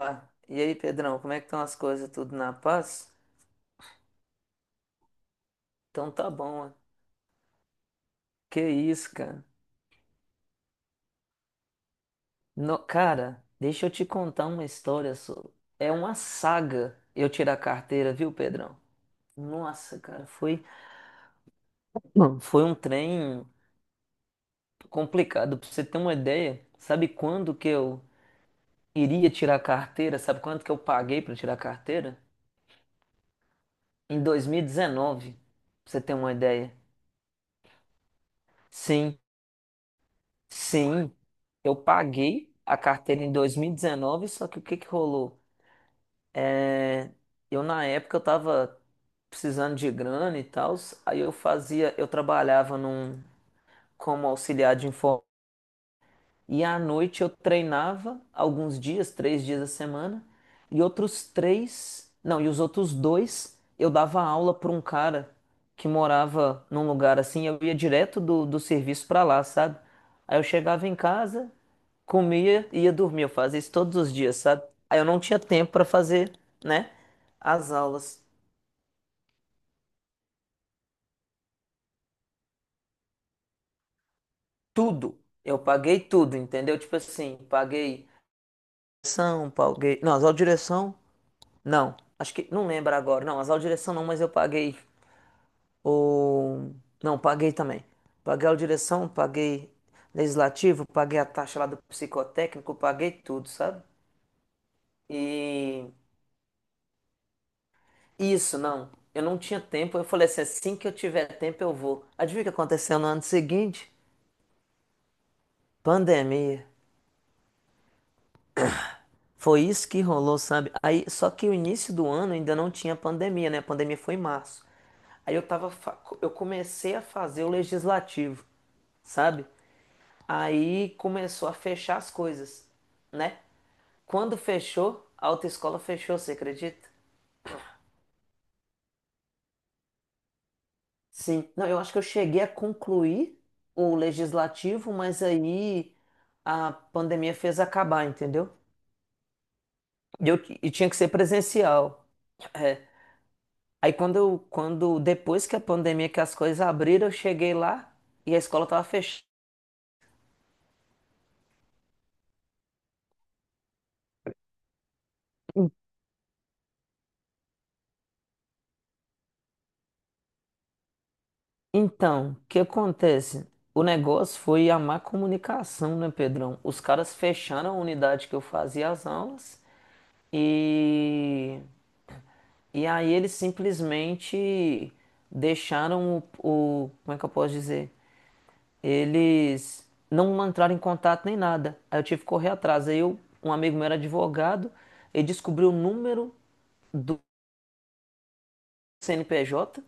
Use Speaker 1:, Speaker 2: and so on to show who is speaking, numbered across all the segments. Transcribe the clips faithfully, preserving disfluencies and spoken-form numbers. Speaker 1: Opa. E aí, Pedrão, como é que estão as coisas? Tudo na paz? Então tá bom, ó. Que isso, cara. No, cara, deixa eu te contar uma história, só. É uma saga eu tirar a carteira, viu, Pedrão? Nossa, cara, foi, Não. foi um trem complicado. Pra você ter uma ideia, sabe quando que eu iria tirar a carteira? Sabe quanto que eu paguei pra tirar a carteira? Em dois mil e dezenove, pra você ter uma ideia. Sim. Sim, eu paguei a carteira em dois mil e dezenove, só que o que que rolou? É, eu na época eu tava precisando de grana e tal. Aí eu fazia, eu trabalhava num como auxiliar de informática e à noite eu treinava alguns dias, três dias a semana, e outros três, não, e os outros dois eu dava aula para um cara que morava num lugar assim. Eu ia direto do, do serviço para lá, sabe? Aí eu chegava em casa, comia e ia dormir. Eu fazia isso todos os dias, sabe? Aí eu não tinha tempo pra fazer, né? As aulas. Tudo. Eu paguei tudo, entendeu? Tipo assim, paguei direção, paguei. Não, as aulas de direção, não. Acho que. Não lembro agora. Não, as aulas de direção não, mas eu paguei. O. Não, paguei também. Paguei a aula de direção, paguei legislativo, paguei a taxa lá do psicotécnico, paguei tudo, sabe? E. Isso, não. Eu não tinha tempo. Eu falei assim, assim que eu tiver tempo eu vou. Adivinha o que aconteceu no ano seguinte? Pandemia. Foi isso que rolou, sabe? Aí, só que o início do ano ainda não tinha pandemia, né? A pandemia foi em março. Aí eu tava, fa- eu comecei a fazer o legislativo, sabe? Aí começou a fechar as coisas, né? Quando fechou, a autoescola fechou, você acredita? Sim, não, eu acho que eu cheguei a concluir o legislativo, mas aí a pandemia fez acabar, entendeu? E, eu, e tinha que ser presencial. É. Aí quando eu, quando depois que a pandemia, que as coisas abriram, eu cheguei lá e a escola estava fechada. Então, o que acontece? O negócio foi a má comunicação, né, Pedrão? Os caras fecharam a unidade que eu fazia as aulas. e E aí eles simplesmente deixaram o, o- como é que eu posso dizer? Eles não entraram em contato nem nada. Aí eu tive que correr atrás. Aí eu, um amigo meu era advogado, ele descobriu o número do C N P J,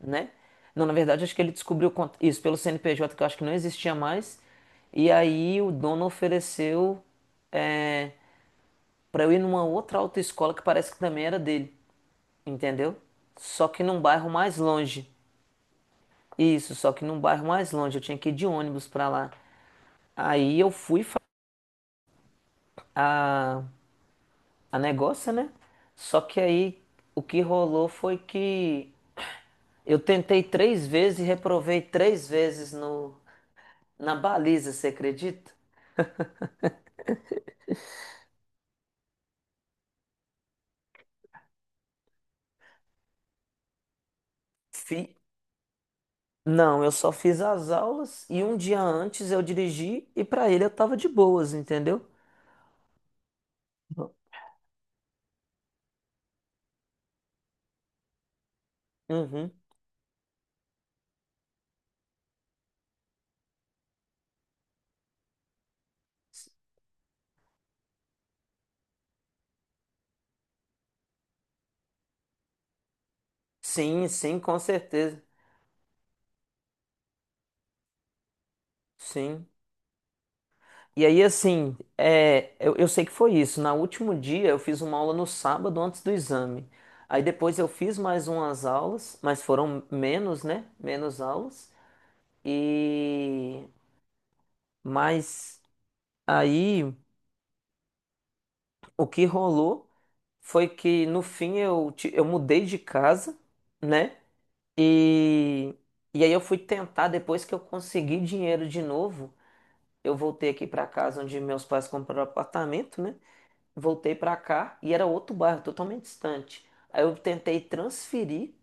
Speaker 1: né? Não, na verdade, acho que ele descobriu con- isso pelo C N P J, que eu acho que não existia mais. E aí o dono ofereceu, é, para eu ir numa outra autoescola que parece que também era dele, entendeu? Só que num bairro mais longe. Isso, só que num bairro mais longe, eu tinha que ir de ônibus pra lá. Aí eu fui fa- a, a negócio, né? Só que aí o que rolou foi que eu tentei três vezes e reprovei três vezes no, na baliza, você acredita? Fi- não, eu só fiz as aulas e um dia antes eu dirigi e pra ele eu tava de boas, entendeu? Uhum. Sim, sim, com certeza. Sim. E aí, assim, é, eu, eu sei que foi isso. Na último dia, eu fiz uma aula no sábado antes do exame. Aí depois eu fiz mais umas aulas, mas foram menos, né? Menos aulas. E. Mas aí, o que rolou foi que no fim eu, ti- eu mudei de casa, né? E. E aí eu fui tentar, depois que eu consegui dinheiro de novo, eu voltei aqui para casa onde meus pais compraram apartamento, né? Voltei pra cá e era outro bairro, totalmente distante. Aí eu tentei transferir,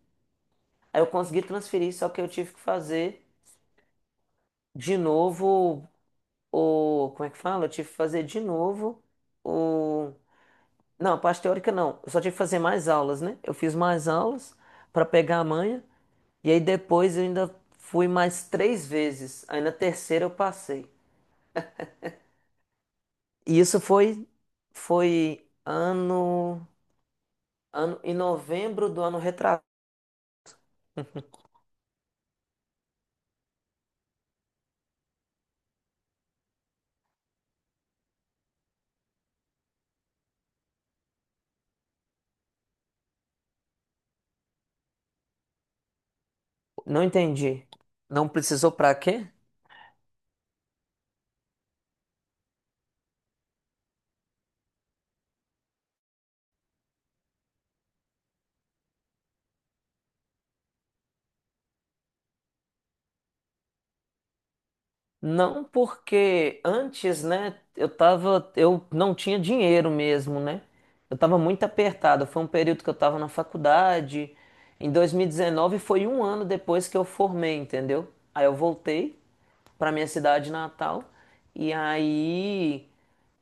Speaker 1: aí eu consegui transferir, só que eu tive que fazer de novo o, como é que fala? Eu tive que fazer de novo o, não, a parte teórica não, eu só tive que fazer mais aulas, né? Eu fiz mais aulas pra pegar a manha e aí depois eu ainda fui mais três vezes, aí na terceira eu passei. E isso foi foi ano ano em novembro do ano retrasado. Não entendi. Não precisou pra quê? Não, porque antes, né, eu tava, eu não tinha dinheiro mesmo, né? Eu tava muito apertado. Foi um período que eu tava na faculdade. Em dois mil e dezenove foi um ano depois que eu formei, entendeu? Aí eu voltei pra minha cidade natal e aí,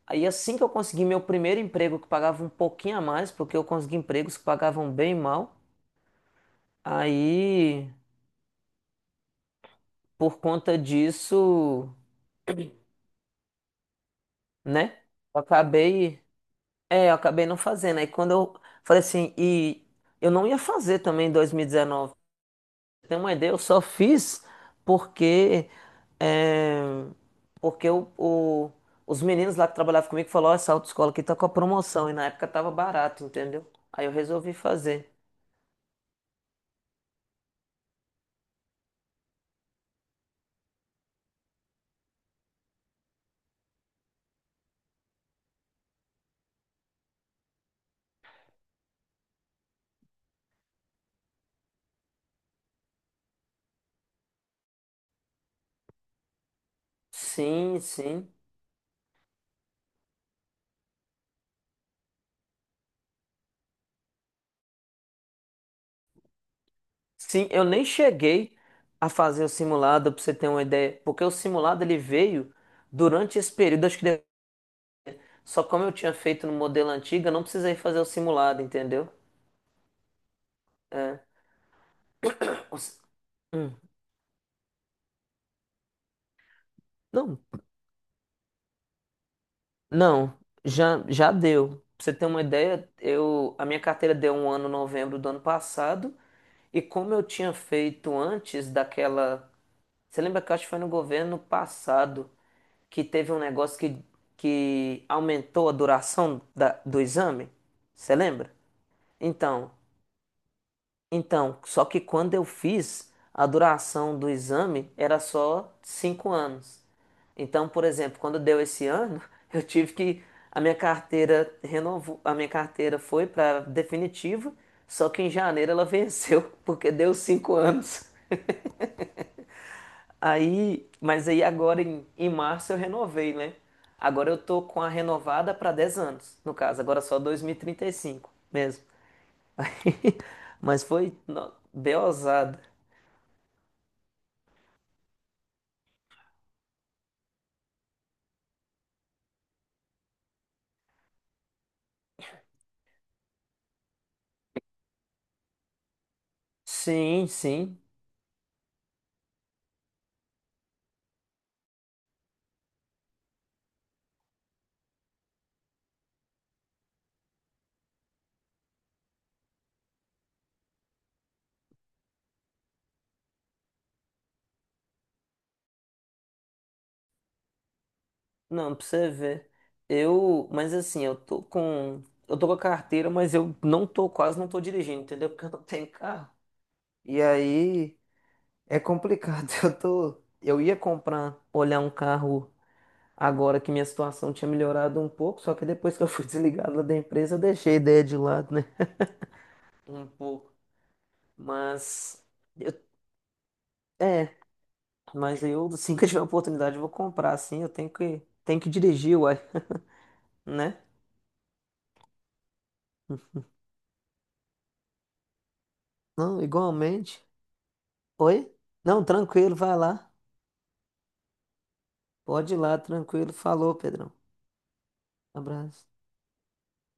Speaker 1: aí assim que eu consegui meu primeiro emprego que pagava um pouquinho a mais, porque eu consegui empregos que pagavam bem mal. Aí, por conta disso, né? Eu acabei, é, eu acabei não fazendo. Aí quando eu falei assim, e eu não ia fazer também em dois mil e dezenove. Tem uma ideia, eu só fiz porque, é, porque o, o- os meninos lá que trabalhavam comigo falaram, ó, essa autoescola aqui tá com a promoção e na época tava barato, entendeu? Aí eu resolvi fazer. Sim, sim. Sim, eu nem cheguei a fazer o simulado, pra você ter uma ideia, porque o simulado ele veio durante esse período, acho que. Só como eu tinha feito no modelo antigo, eu não precisei fazer o simulado, entendeu? É. Os- hum, não, não, já, já deu. Pra você ter uma ideia, eu, a minha carteira deu um ano em novembro do ano passado, e como eu tinha feito antes daquela. Você lembra que eu acho que foi no governo passado que teve um negócio que, que aumentou a duração da, do exame? Você lembra? Então. Então, só que quando eu fiz, a duração do exame era só cinco anos. Então, por exemplo, quando deu esse ano, eu tive que a minha carteira renovou, a minha carteira foi para definitiva, só que em janeiro ela venceu porque deu cinco anos. Aí, mas aí agora em, em março eu renovei, né? Agora eu tô com a renovada para dez anos, no caso, agora só dois mil e e trinta e cinco, mesmo. Aí, mas foi no- bem ousado. Sim, sim. Não, pra você ver. Eu, mas assim, eu tô com, eu tô com a carteira, mas eu não tô, quase não tô dirigindo, entendeu? Porque eu não tenho carro. E aí é complicado. Eu tô, eu ia comprar, olhar um carro agora que minha situação tinha melhorado um pouco, só que depois que eu fui desligado lá da empresa, eu deixei a ideia de lado, né? Um pouco. Mas eu, é, mas eu, assim que eu tiver a oportunidade, eu vou comprar, assim, eu tenho que, tenho que dirigir, uai, né? Não, igualmente. Oi? Não, tranquilo, vai lá. Pode ir lá, tranquilo. Falou, Pedrão. Abraço.